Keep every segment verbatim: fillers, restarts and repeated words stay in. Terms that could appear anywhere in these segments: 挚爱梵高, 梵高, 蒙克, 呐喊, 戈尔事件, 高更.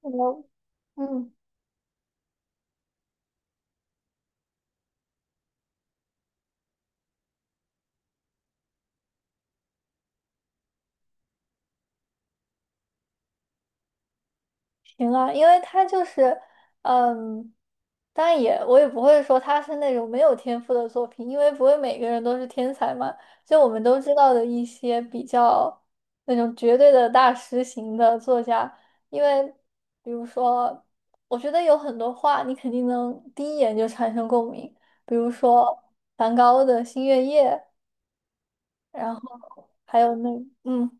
我嗯，行啊。因为他就是，嗯，当然也我也不会说他是那种没有天赋的作品，因为不会每个人都是天才嘛。就我们都知道的一些比较那种绝对的大师型的作家，因为比如说，我觉得有很多话你肯定能第一眼就产生共鸣，比如说梵高的《星月夜》，然后还有那嗯。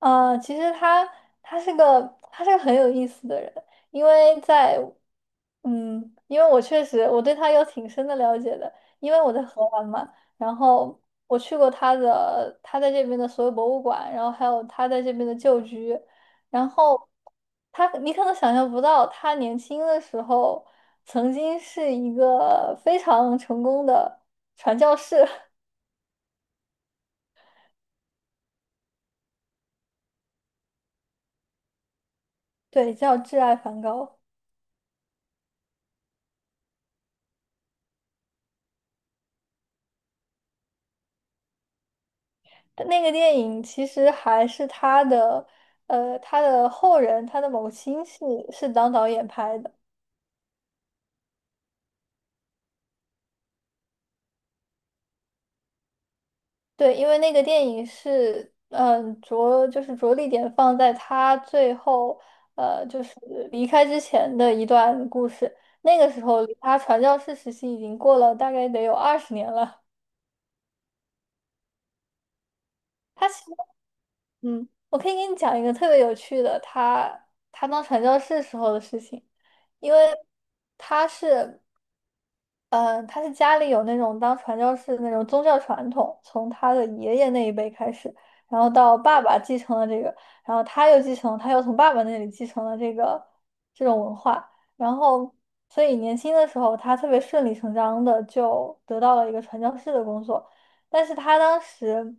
呃，其实他他是个他是个很有意思的人，因为在嗯，因为我确实我对他有挺深的了解的，因为我在荷兰嘛。然后我去过他的他在这边的所有博物馆，然后还有他在这边的旧居，然后他你可能想象不到，他年轻的时候曾经是一个非常成功的传教士。对，叫挚爱梵高。那个电影其实还是他的，呃，他的后人，他的某个亲戚是当导演拍的。对，因为那个电影是，嗯，着就是着力点放在他最后，呃，就是离开之前的一段故事。那个时候离他传教士时期已经过了大概得有二十年了。他其实 嗯，我可以给你讲一个特别有趣的，他他当传教士时候的事情。因为他是嗯，他是家里有那种当传教士的那种宗教传统，从他的爷爷那一辈开始，然后到爸爸继承了这个，然后他又继承，他又从爸爸那里继承了这个这种文化。然后所以年轻的时候他特别顺理成章的就得到了一个传教士的工作，但是他当时，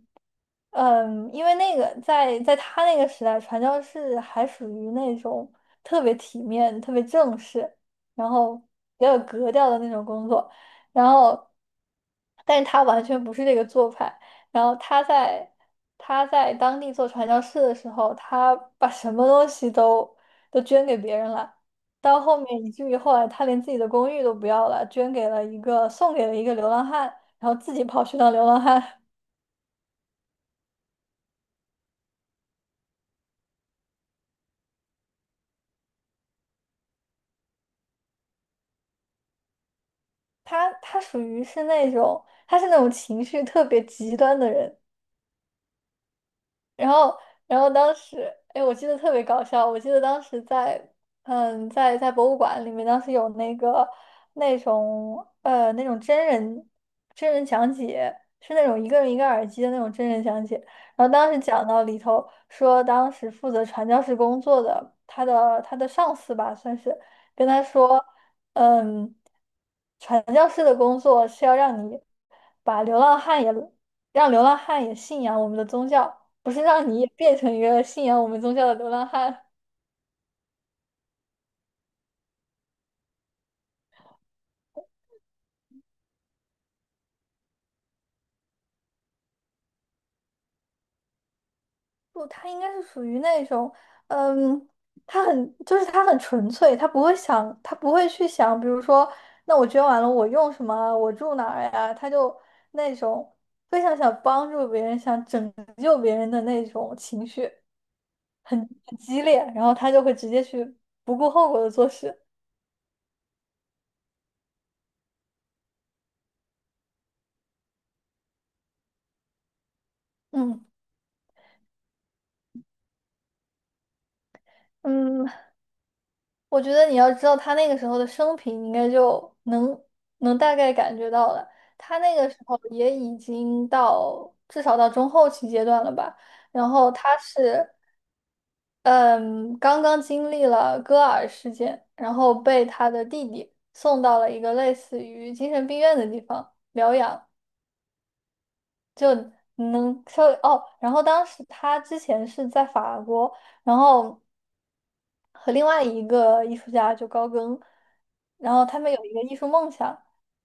嗯，因为那个在在他那个时代，传教士还属于那种特别体面、特别正式。然后比较有格调的那种工作，然后，但是他完全不是这个做派。然后他在他在当地做传教士的时候，他把什么东西都都捐给别人了，到后面以至于后来他连自己的公寓都不要了，捐给了一个送给了一个流浪汉，然后自己跑去当流浪汉。他他属于是那种他是那种情绪特别极端的人。然后，然后当时，哎，我记得特别搞笑。我记得当时在，嗯，在在博物馆里面，当时有那个那种呃那种真人真人讲解，是那种一个人一个耳机的那种真人讲解。然后当时讲到里头说，当时负责传教士工作的他的他的上司吧，算是跟他说，嗯，传教士的工作是要让你把流浪汉也让流浪汉也信仰我们的宗教，不是让你也变成一个信仰我们宗教的流浪汉。不，他应该是属于那种，嗯，他很，就是他很纯粹，他不会想，他不会去想，比如说，那我捐完了，我用什么啊，我住哪儿呀？他就那种非常想帮助别人、想拯救别人的那种情绪，很很激烈，然后他就会直接去不顾后果的做事。嗯。嗯，我觉得你要知道他那个时候的生平，你应该就能能大概感觉到了。他那个时候也已经到至少到中后期阶段了吧。然后他是嗯刚刚经历了戈尔事件，然后被他的弟弟送到了一个类似于精神病院的地方疗养。能稍微哦，然后当时他之前是在法国，然后和另外一个艺术家就高更，然后他们有一个艺术梦想，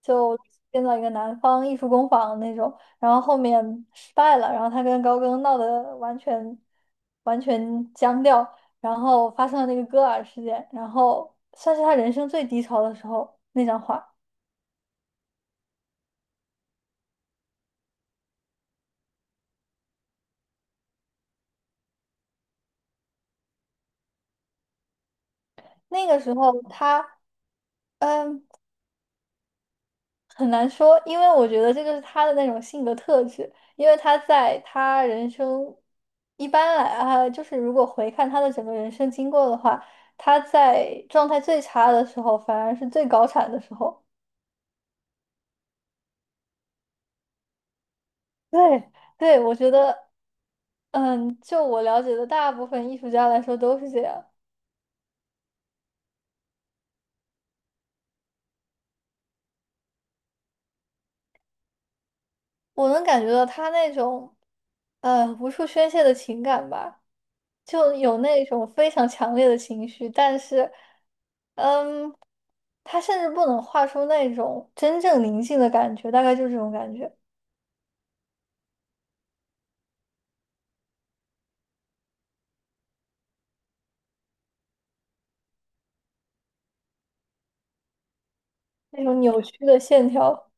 就建造一个南方艺术工坊那种，然后后面失败了，然后他跟高更闹得完全完全僵掉，然后发生了那个戈尔事件，然后算是他人生最低潮的时候那张画。那个时候他。嗯，很难说，因为我觉得这就是他的那种性格特质，因为他在他人生一般来啊，就是如果回看他的整个人生经过的话，他在状态最差的时候，反而是最高产的时候。对，对，我觉得，嗯，就我了解的大部分艺术家来说都是这样。我能感觉到他那种，呃，无处宣泄的情感吧，就有那种非常强烈的情绪，但是。嗯，他甚至不能画出那种真正宁静的感觉，大概就是这种感觉，那种扭曲的线条。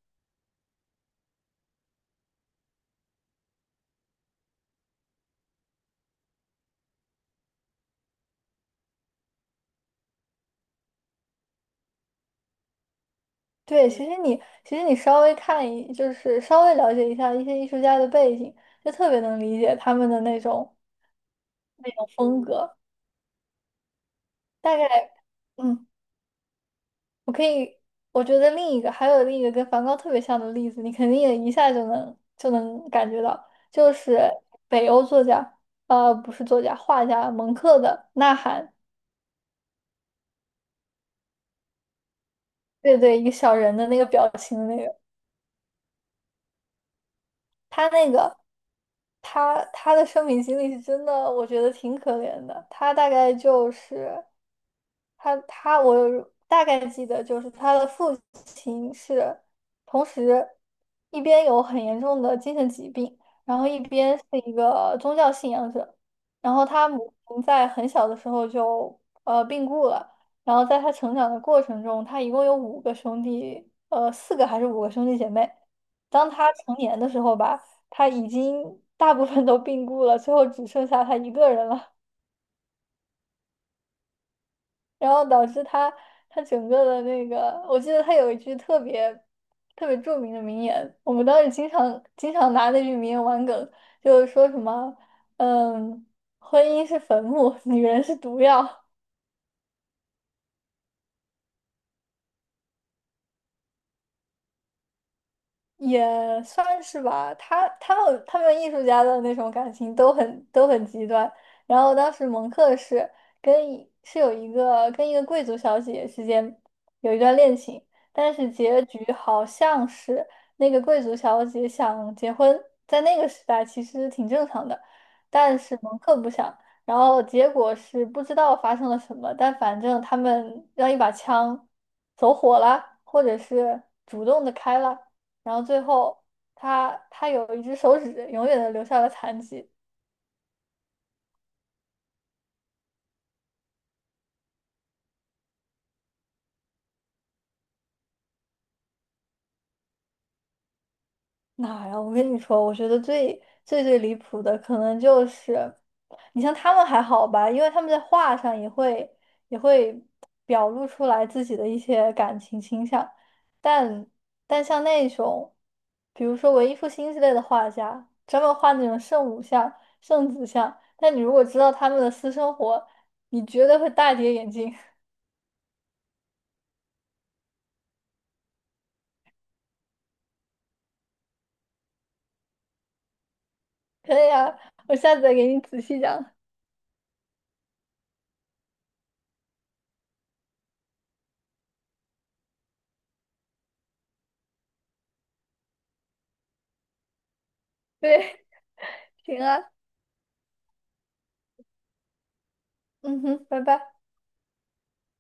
对，其实你其实你稍微看一，就是稍微了解一下一些艺术家的背景，就特别能理解他们的那种那种风格。大概，嗯，我可以，我觉得另一个还有另一个跟梵高特别像的例子，你肯定也一下就能就能感觉到，就是北欧作家，呃，不是作家，画家蒙克的《呐喊》，对对，一个小人的那个表情的那个。他那个，他他的生命经历是真的，我觉得挺可怜的。他大概就是，他他我大概记得，就是他的父亲是同时一边有很严重的精神疾病，然后一边是一个宗教信仰者，然后他母亲在很小的时候就呃病故了，然后在他成长的过程中，他一共有五个兄弟，呃四个还是五个兄弟姐妹，当他成年的时候吧，他已经大部分都病故了，最后只剩下他一个人了。然后导致他他整个的那个，我记得他有一句特别特别著名的名言，我们当时经常经常拿那句名言玩梗，就是说什么，嗯，婚姻是坟墓，女人是毒药。也算是吧，他他们他们艺术家的那种感情都很都很极端。然后当时蒙克是跟一是有一个跟一个贵族小姐之间有一段恋情，但是结局好像是那个贵族小姐想结婚，在那个时代其实挺正常的，但是蒙克不想。然后结果是不知道发生了什么，但反正他们让一把枪走火了，或者是主动的开了。然后最后他他有一只手指永远的留下了残疾。哪呀？我跟你说，我觉得最最最离谱的可能就是，你像他们还好吧，因为他们在画上也会也会表露出来自己的一些感情倾向，但但像那种，比如说文艺复兴之类的画家，专门画那种圣母像、圣子像，但你如果知道他们的私生活，你绝对会大跌眼镜。可以啊，我下次再给你仔细讲。对，行啊，嗯哼，拜拜。